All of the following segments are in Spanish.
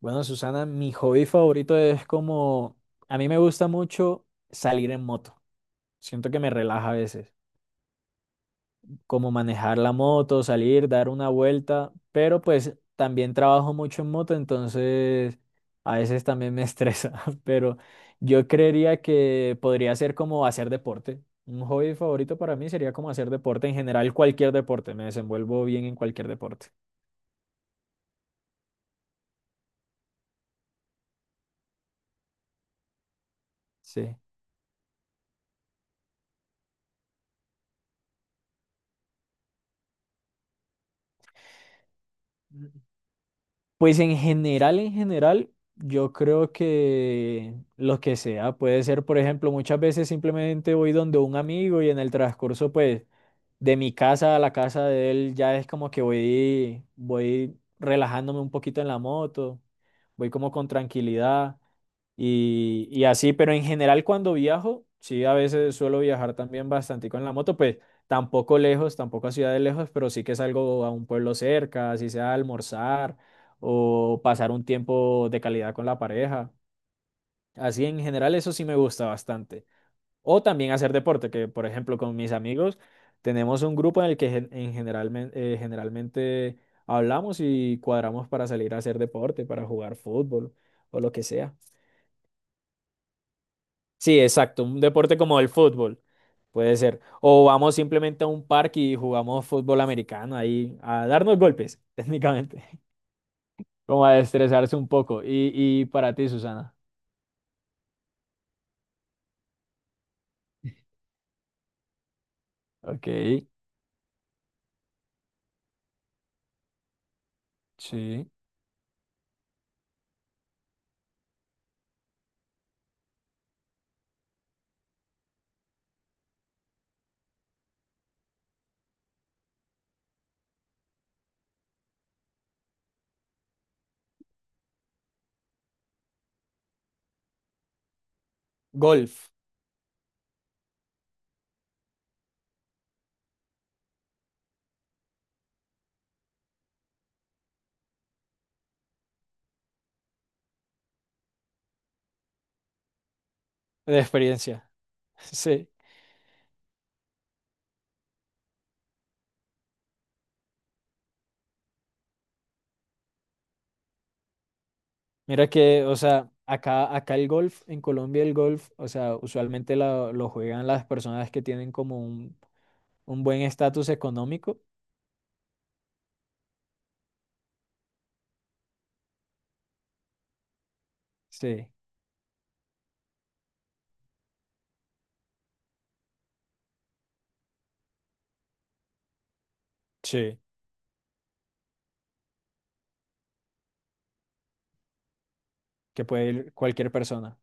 Bueno, Susana, mi hobby favorito es como, a mí me gusta mucho salir en moto. Siento que me relaja a veces, como manejar la moto, salir, dar una vuelta, pero pues también trabajo mucho en moto, entonces a veces también me estresa, pero yo creería que podría ser como hacer deporte. Un hobby favorito para mí sería como hacer deporte, en general cualquier deporte, me desenvuelvo bien en cualquier deporte. Sí. Pues en general, yo creo que lo que sea, puede ser, por ejemplo, muchas veces simplemente voy donde un amigo y en el transcurso, pues, de mi casa a la casa de él, ya es como que voy relajándome un poquito en la moto, voy como con tranquilidad. Y así, pero en general cuando viajo, sí, a veces suelo viajar también bastante con la moto, pues tampoco lejos, tampoco a ciudades lejos, pero sí que salgo a un pueblo cerca, así sea a almorzar o pasar un tiempo de calidad con la pareja. Así en general eso sí me gusta bastante. O también hacer deporte, que por ejemplo con mis amigos tenemos un grupo en el que generalmente hablamos y cuadramos para salir a hacer deporte, para jugar fútbol o lo que sea. Sí, exacto, un deporte como el fútbol, puede ser. O vamos simplemente a un parque y jugamos fútbol americano ahí a darnos golpes, técnicamente. Como a estresarse un poco. Y para ti, Susana. Ok, sí. Golf, de experiencia. Sí. Mira que, o sea, acá el golf, en Colombia el golf, o sea, usualmente lo juegan las personas que tienen como un buen estatus económico. Sí, sí, que puede ir cualquier persona.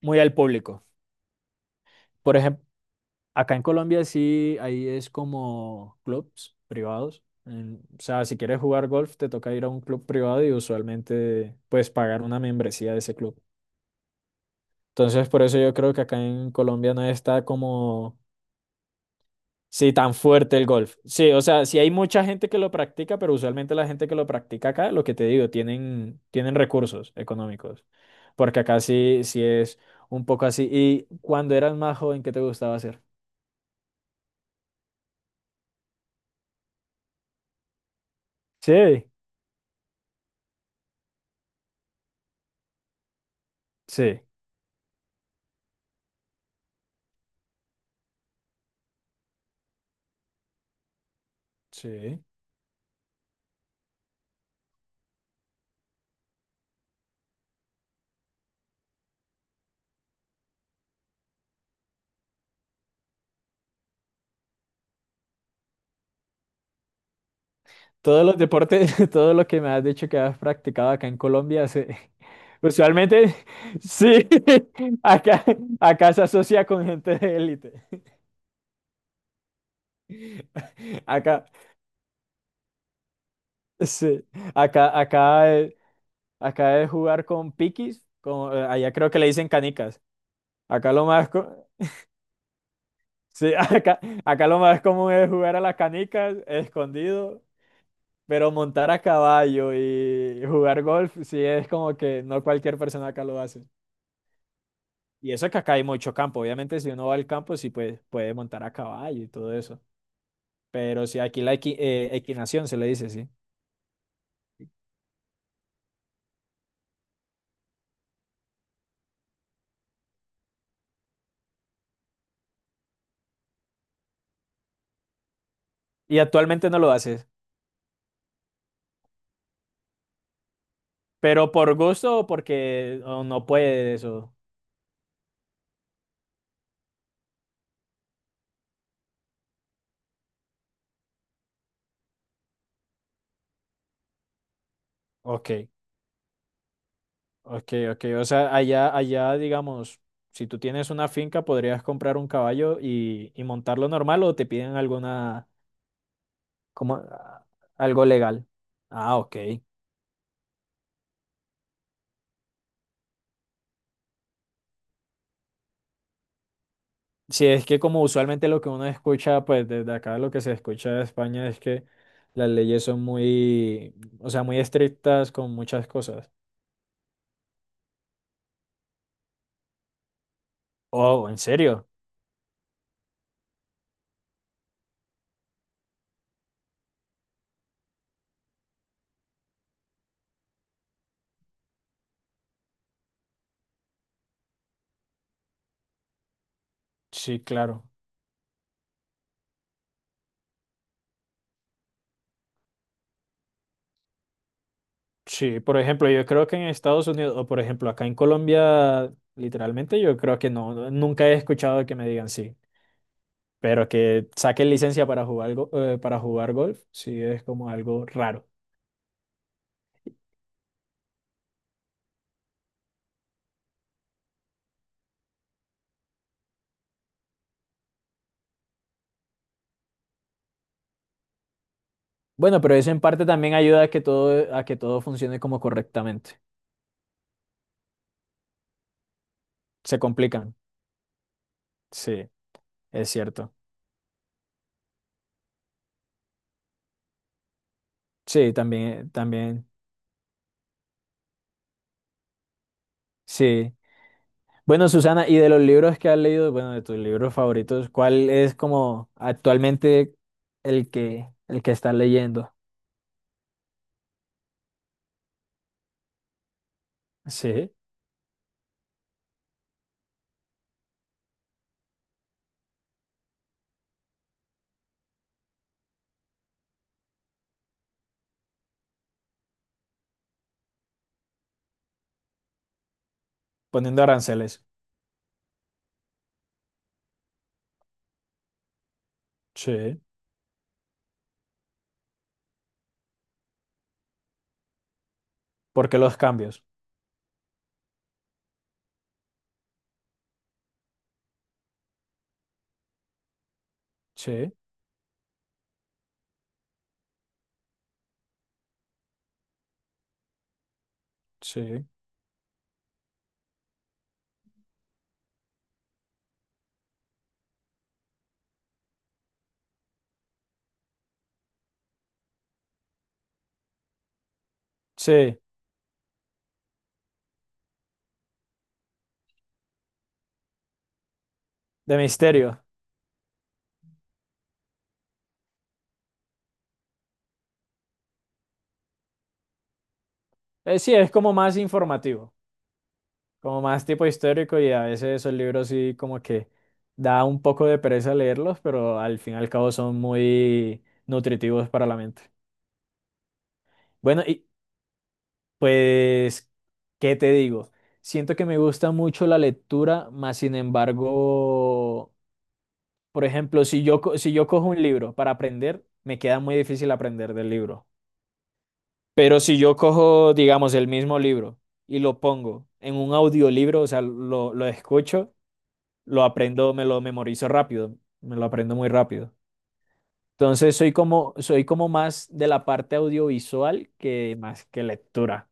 Muy al público. Por ejemplo, acá en Colombia sí, ahí es como clubs privados. En- o sea, si quieres jugar golf, te toca ir a un club privado y usualmente pues pagar una membresía de ese club. Entonces, por eso yo creo que acá en Colombia no está como, sí, tan fuerte el golf. Sí, o sea, sí hay mucha gente que lo practica, pero usualmente la gente que lo practica acá, lo que te digo, tienen, tienen recursos económicos. Porque acá sí, sí es un poco así. ¿Y cuando eras más joven, qué te gustaba hacer? Sí, sí. Sí. Todos los deportes, todo lo que me has dicho que has practicado acá en Colombia, se- usualmente sí, acá, acá se asocia con gente de élite. Acá, sí, acá, acá, eh, acá es jugar con piquis, como, allá creo que le dicen canicas. Acá lo más, co- sí, acá, acá lo más común es jugar a las canicas, escondido, pero montar a caballo y jugar golf, sí, es como que no cualquier persona acá lo hace. Y eso que acá hay mucho campo. Obviamente, si uno va al campo, sí puede, puede montar a caballo y todo eso. Pero sí, aquí la equinación se le dice, sí. Y actualmente no lo haces. Pero por gusto o porque o no puedes o... Ok, ok, ok. O sea, allá, digamos, si tú tienes una finca, podrías comprar un caballo y montarlo normal o te piden alguna, como, ah, algo legal. Ah, ok. Sí, es que como usualmente lo que uno escucha, pues desde acá lo que se escucha de España es que las leyes son muy, o sea, muy estrictas con muchas cosas. Oh, ¿en serio? Sí, claro. Sí, por ejemplo, yo creo que en Estados Unidos, o por ejemplo, acá en Colombia, literalmente yo creo que no, nunca he escuchado que me digan sí, pero que saquen licencia para jugar, para jugar golf, sí es como algo raro. Bueno, pero eso en parte también ayuda a que todo funcione como correctamente. Se complican. Sí. Es cierto. Sí, también, también. Sí. Bueno, Susana, y de los libros que has leído, bueno, de tus libros favoritos, ¿cuál es como actualmente el que estás leyendo? Sí. Poniendo aranceles. Sí. ¿Por qué los cambios? Sí, sí, sí. De misterio. Sí, es como más informativo, como más tipo histórico y a veces esos libros sí como que da un poco de pereza leerlos, pero al fin y al cabo son muy nutritivos para la mente. Bueno, y pues, ¿qué te digo? Siento que me gusta mucho la lectura, más sin embargo, por ejemplo, si yo, si yo cojo un libro para aprender, me queda muy difícil aprender del libro. Pero si yo cojo, digamos, el mismo libro y lo pongo en un audiolibro, o sea, lo escucho, lo aprendo, me lo memorizo rápido, me lo aprendo muy rápido. Entonces, soy como más de la parte audiovisual que más que lectura.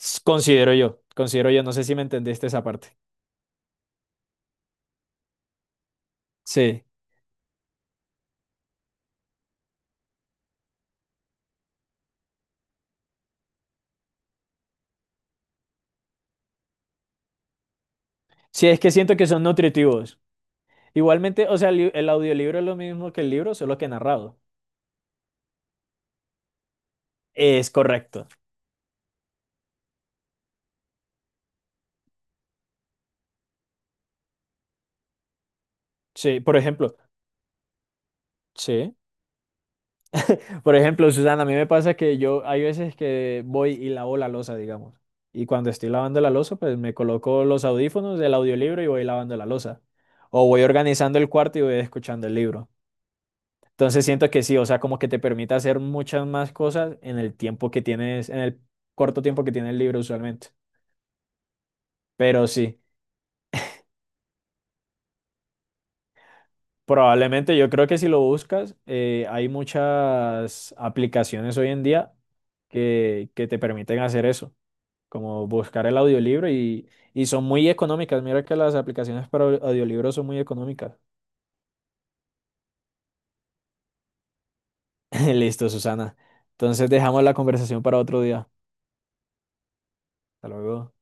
Considero yo, no sé si me entendiste esa parte. Sí, sí, es que siento que son nutritivos. Igualmente, o sea, el audiolibro es lo mismo que el libro, solo que narrado. Es correcto. Sí, por ejemplo, sí. Por ejemplo, Susana, a mí me pasa que yo hay veces que voy y lavo la losa, digamos. Y cuando estoy lavando la losa, pues me coloco los audífonos del audiolibro y voy lavando la losa. O voy organizando el cuarto y voy escuchando el libro. Entonces siento que sí, o sea, como que te permite hacer muchas más cosas en el tiempo que tienes, en el corto tiempo que tienes libre usualmente. Pero sí, probablemente yo creo que si lo buscas, hay muchas aplicaciones hoy en día que te permiten hacer eso, como buscar el audiolibro y son muy económicas. Mira que las aplicaciones para audiolibros son muy económicas. Listo, Susana. Entonces dejamos la conversación para otro día. Hasta luego.